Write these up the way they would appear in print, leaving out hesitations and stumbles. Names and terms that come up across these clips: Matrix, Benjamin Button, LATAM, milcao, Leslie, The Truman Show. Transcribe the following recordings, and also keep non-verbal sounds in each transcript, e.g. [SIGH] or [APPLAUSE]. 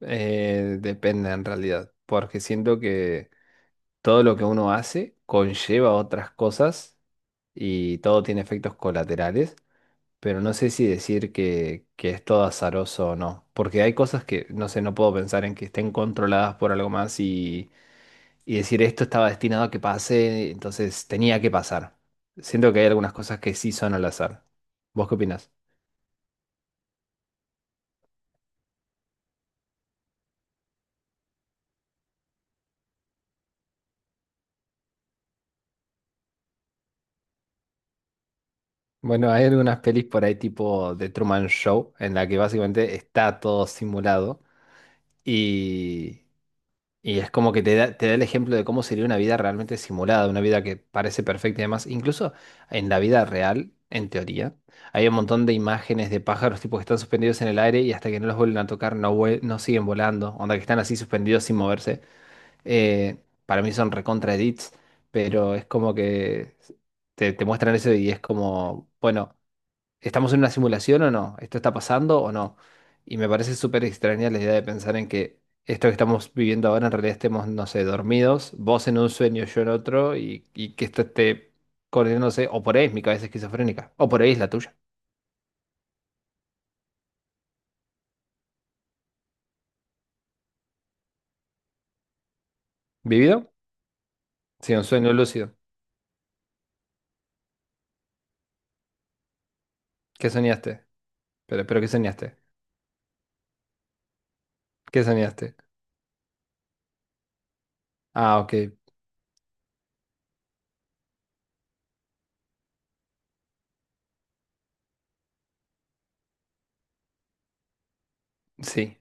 Depende en realidad, porque siento que todo lo que uno hace conlleva otras cosas y todo tiene efectos colaterales, pero no sé si decir que es todo azaroso o no, porque hay cosas que, no sé, no puedo pensar en que estén controladas por algo más y decir esto estaba destinado a que pase, entonces tenía que pasar. Siento que hay algunas cosas que sí son al azar. ¿Vos qué opinás? Bueno, hay algunas pelis por ahí tipo The Truman Show, en la que básicamente está todo simulado y, y es como que te da el ejemplo de cómo sería una vida realmente simulada, una vida que parece perfecta y demás. Incluso en la vida real, en teoría, hay un montón de imágenes de pájaros tipo que están suspendidos en el aire y hasta que no los vuelven a tocar no, no siguen volando, onda que están así suspendidos sin moverse. Para mí son recontra edits, pero es como que te muestran eso y es como, bueno. ¿Estamos en una simulación o no? ¿Esto está pasando o no? Y me parece súper extraña la idea de pensar en que esto que estamos viviendo ahora en realidad estemos, no sé, dormidos, vos en un sueño, yo en otro, y que esto esté coordinándose, o por ahí es mi cabeza esquizofrénica, o por ahí es la tuya. ¿Vivido? Sí, un sueño lúcido. ¿Qué soñaste? Pero ¿qué soñaste? ¿Qué soñaste? Ah, ok, sí.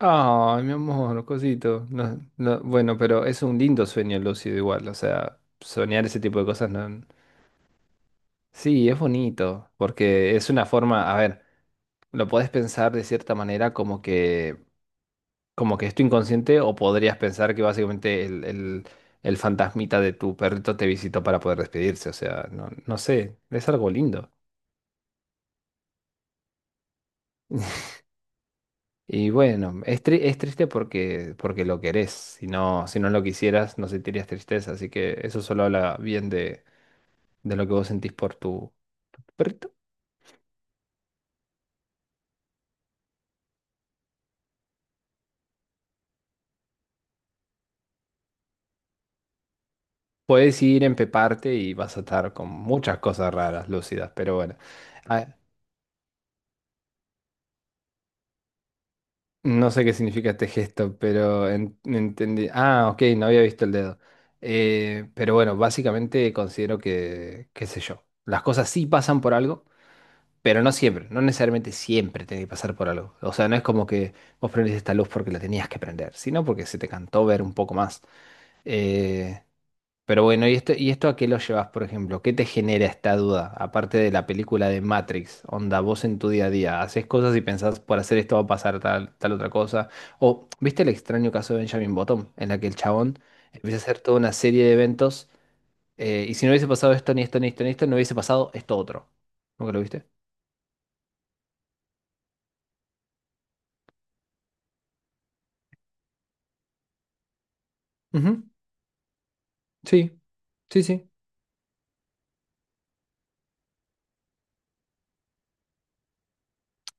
Ay, mi amor, cosito. No, no, bueno, pero es un lindo sueño lúcido igual, o sea, soñar ese tipo de cosas no. Sí, es bonito, porque es una forma, a ver, lo podés pensar de cierta manera como que es tu inconsciente, o podrías pensar que básicamente el fantasmita de tu perrito te visitó para poder despedirse, o sea, no, no sé, es algo lindo. [LAUGHS] Y bueno, es, es triste porque, porque lo querés, si no lo quisieras no sentirías tristeza, así que eso solo habla bien de lo que vos sentís por tu perrito. Puedes ir, empeparte y vas a estar con muchas cosas raras, lúcidas, pero bueno. Ah, no sé qué significa este gesto, pero entendí. Ah, ok, no había visto el dedo. Pero bueno, básicamente considero que, qué sé yo, las cosas sí pasan por algo, pero no siempre, no necesariamente siempre tiene que pasar por algo. O sea, no es como que vos prendés esta luz porque la tenías que prender, sino porque se te cantó ver un poco más. Eh, Pero bueno, y esto a qué lo llevas, por ejemplo? ¿Qué te genera esta duda? Aparte de la película de Matrix, onda, vos en tu día a día, haces cosas y pensás, por hacer esto va a pasar tal otra cosa. O, ¿viste el extraño caso de Benjamin Button? En la que el chabón empieza a hacer toda una serie de eventos, y si no hubiese pasado esto, ni esto, ni esto, ni esto, no hubiese pasado esto otro. ¿Nunca lo viste? Ujú. Sí, sí, sí.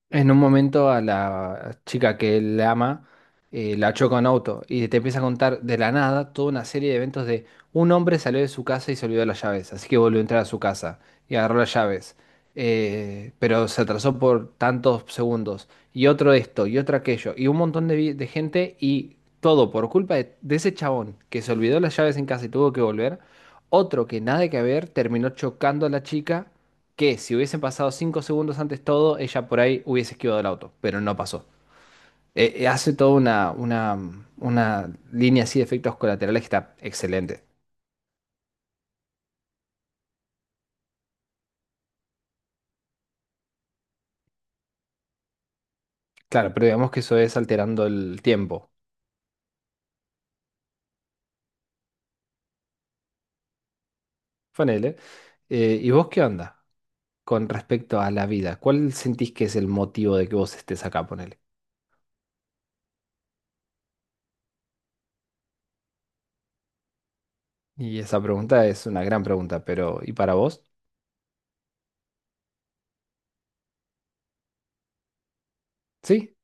En un momento a la chica que él ama, la choca un auto y te empieza a contar de la nada toda una serie de eventos de un hombre salió de su casa y se olvidó las llaves, así que volvió a entrar a su casa y agarró las llaves, pero se atrasó por tantos segundos y otro esto y otro aquello y un montón de, de gente y todo por culpa de ese chabón que se olvidó las llaves en casa y tuvo que volver, otro que nada que ver terminó chocando a la chica que si hubiesen pasado cinco segundos antes todo, ella por ahí hubiese esquivado el auto, pero no pasó. Hace toda una línea así de efectos colaterales que está excelente. Claro, pero digamos que eso es alterando el tiempo. Ponele. ¿Y vos qué onda con respecto a la vida? ¿Cuál sentís que es el motivo de que vos estés acá, ponele? Y esa pregunta es una gran pregunta, pero ¿y para vos? Sí,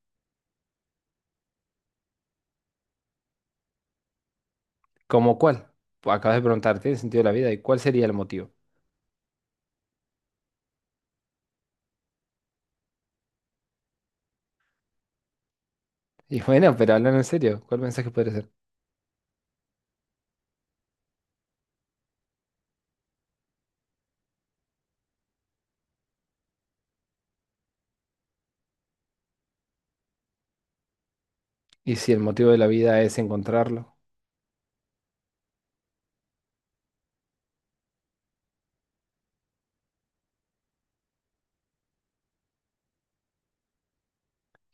¿cómo cuál? Acabas de preguntarte el sentido de la vida y cuál sería el motivo. Y bueno, pero hablando en serio, ¿cuál mensaje podría ser? Y si el motivo de la vida es encontrarlo.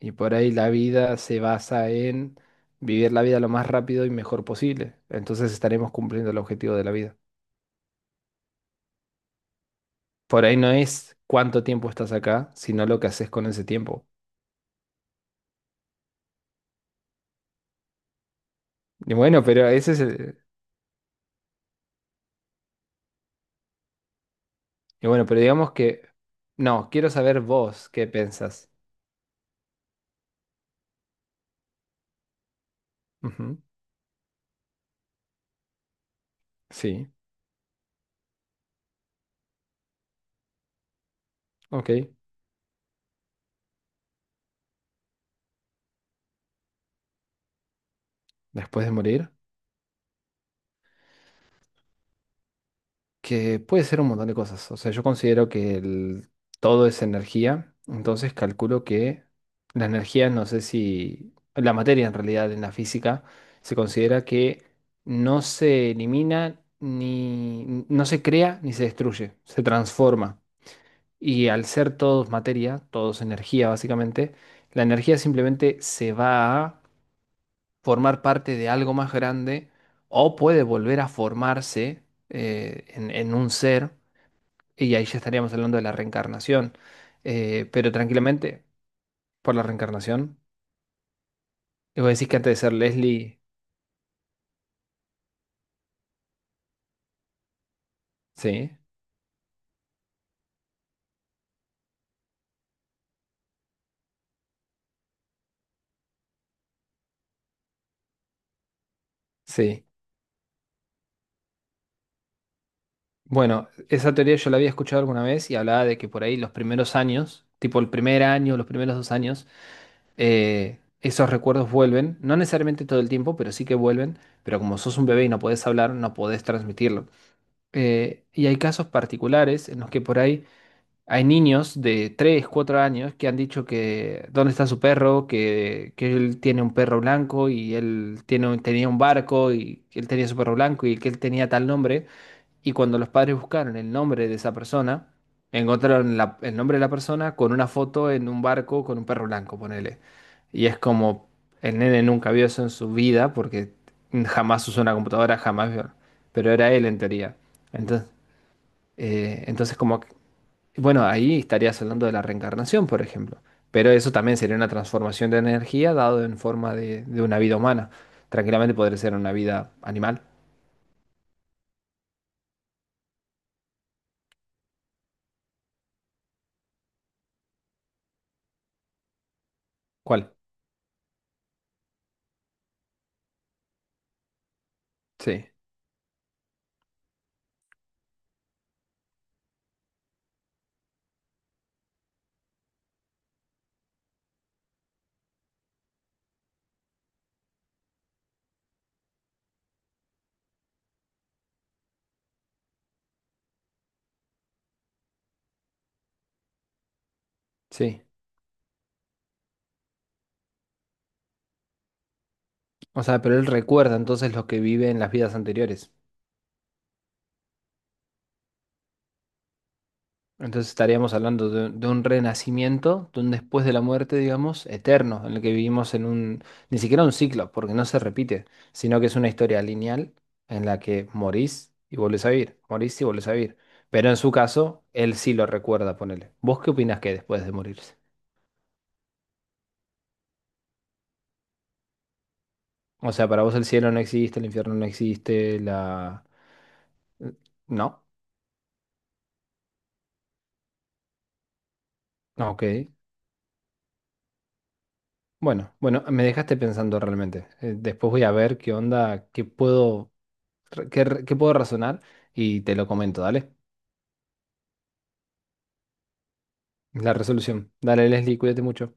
Y por ahí la vida se basa en vivir la vida lo más rápido y mejor posible. Entonces estaremos cumpliendo el objetivo de la vida. Por ahí no es cuánto tiempo estás acá, sino lo que haces con ese tiempo. Y bueno, pero ese es el... Y bueno, pero digamos que... No, quiero saber vos qué pensás. Ujú. Sí, ok. Después de morir. Que puede ser un montón de cosas. O sea, yo considero que todo es energía, entonces calculo que la energía, no sé si la materia en realidad en la física se considera que no se elimina ni no se crea ni se destruye, se transforma. Y al ser todos materia, todos energía básicamente, la energía simplemente se va a formar parte de algo más grande o puede volver a formarse, en un ser. Y ahí ya estaríamos hablando de la reencarnación. Pero tranquilamente, por la reencarnación. Y vos decís que antes de ser Leslie. Sí, sí. Bueno, esa teoría yo la había escuchado alguna vez y hablaba de que por ahí los primeros años, tipo el primer año, los primeros dos años, esos recuerdos vuelven. No necesariamente todo el tiempo, pero sí que vuelven. Pero como sos un bebé y no podés hablar, no podés transmitirlo. Y hay casos particulares en los que por ahí. Hay niños de 3, 4 años que han dicho que dónde está su perro, que él tiene un perro blanco y él tiene, tenía un barco y que él tenía su perro blanco y que él tenía tal nombre. Y cuando los padres buscaron el nombre de esa persona, encontraron el nombre de la persona con una foto en un barco con un perro blanco, ponele. Y es como el nene nunca vio eso en su vida porque jamás usó una computadora, jamás vio. Pero era él en teoría. Entonces, entonces como bueno, ahí estarías hablando de la reencarnación, por ejemplo. Pero eso también sería una transformación de energía dado en forma de una vida humana. Tranquilamente podría ser una vida animal. ¿Cuál? Sí, sí. O sea, pero él recuerda entonces lo que vive en las vidas anteriores. Entonces estaríamos hablando de un renacimiento, de un después de la muerte, digamos, eterno, en el que vivimos en un, ni siquiera un ciclo, porque no se repite, sino que es una historia lineal en la que morís y volvés a vivir, morís y volvés a vivir. Pero en su caso, él sí lo recuerda, ponele. ¿Vos qué opinás que hay después de morirse? O sea, para vos el cielo no existe, el infierno no existe, la... No, ok. Bueno, bueno, me dejaste pensando realmente. Después voy a ver qué onda, qué puedo qué puedo razonar y te lo comento, dale. La resolución. Dale, Leslie, cuídate mucho.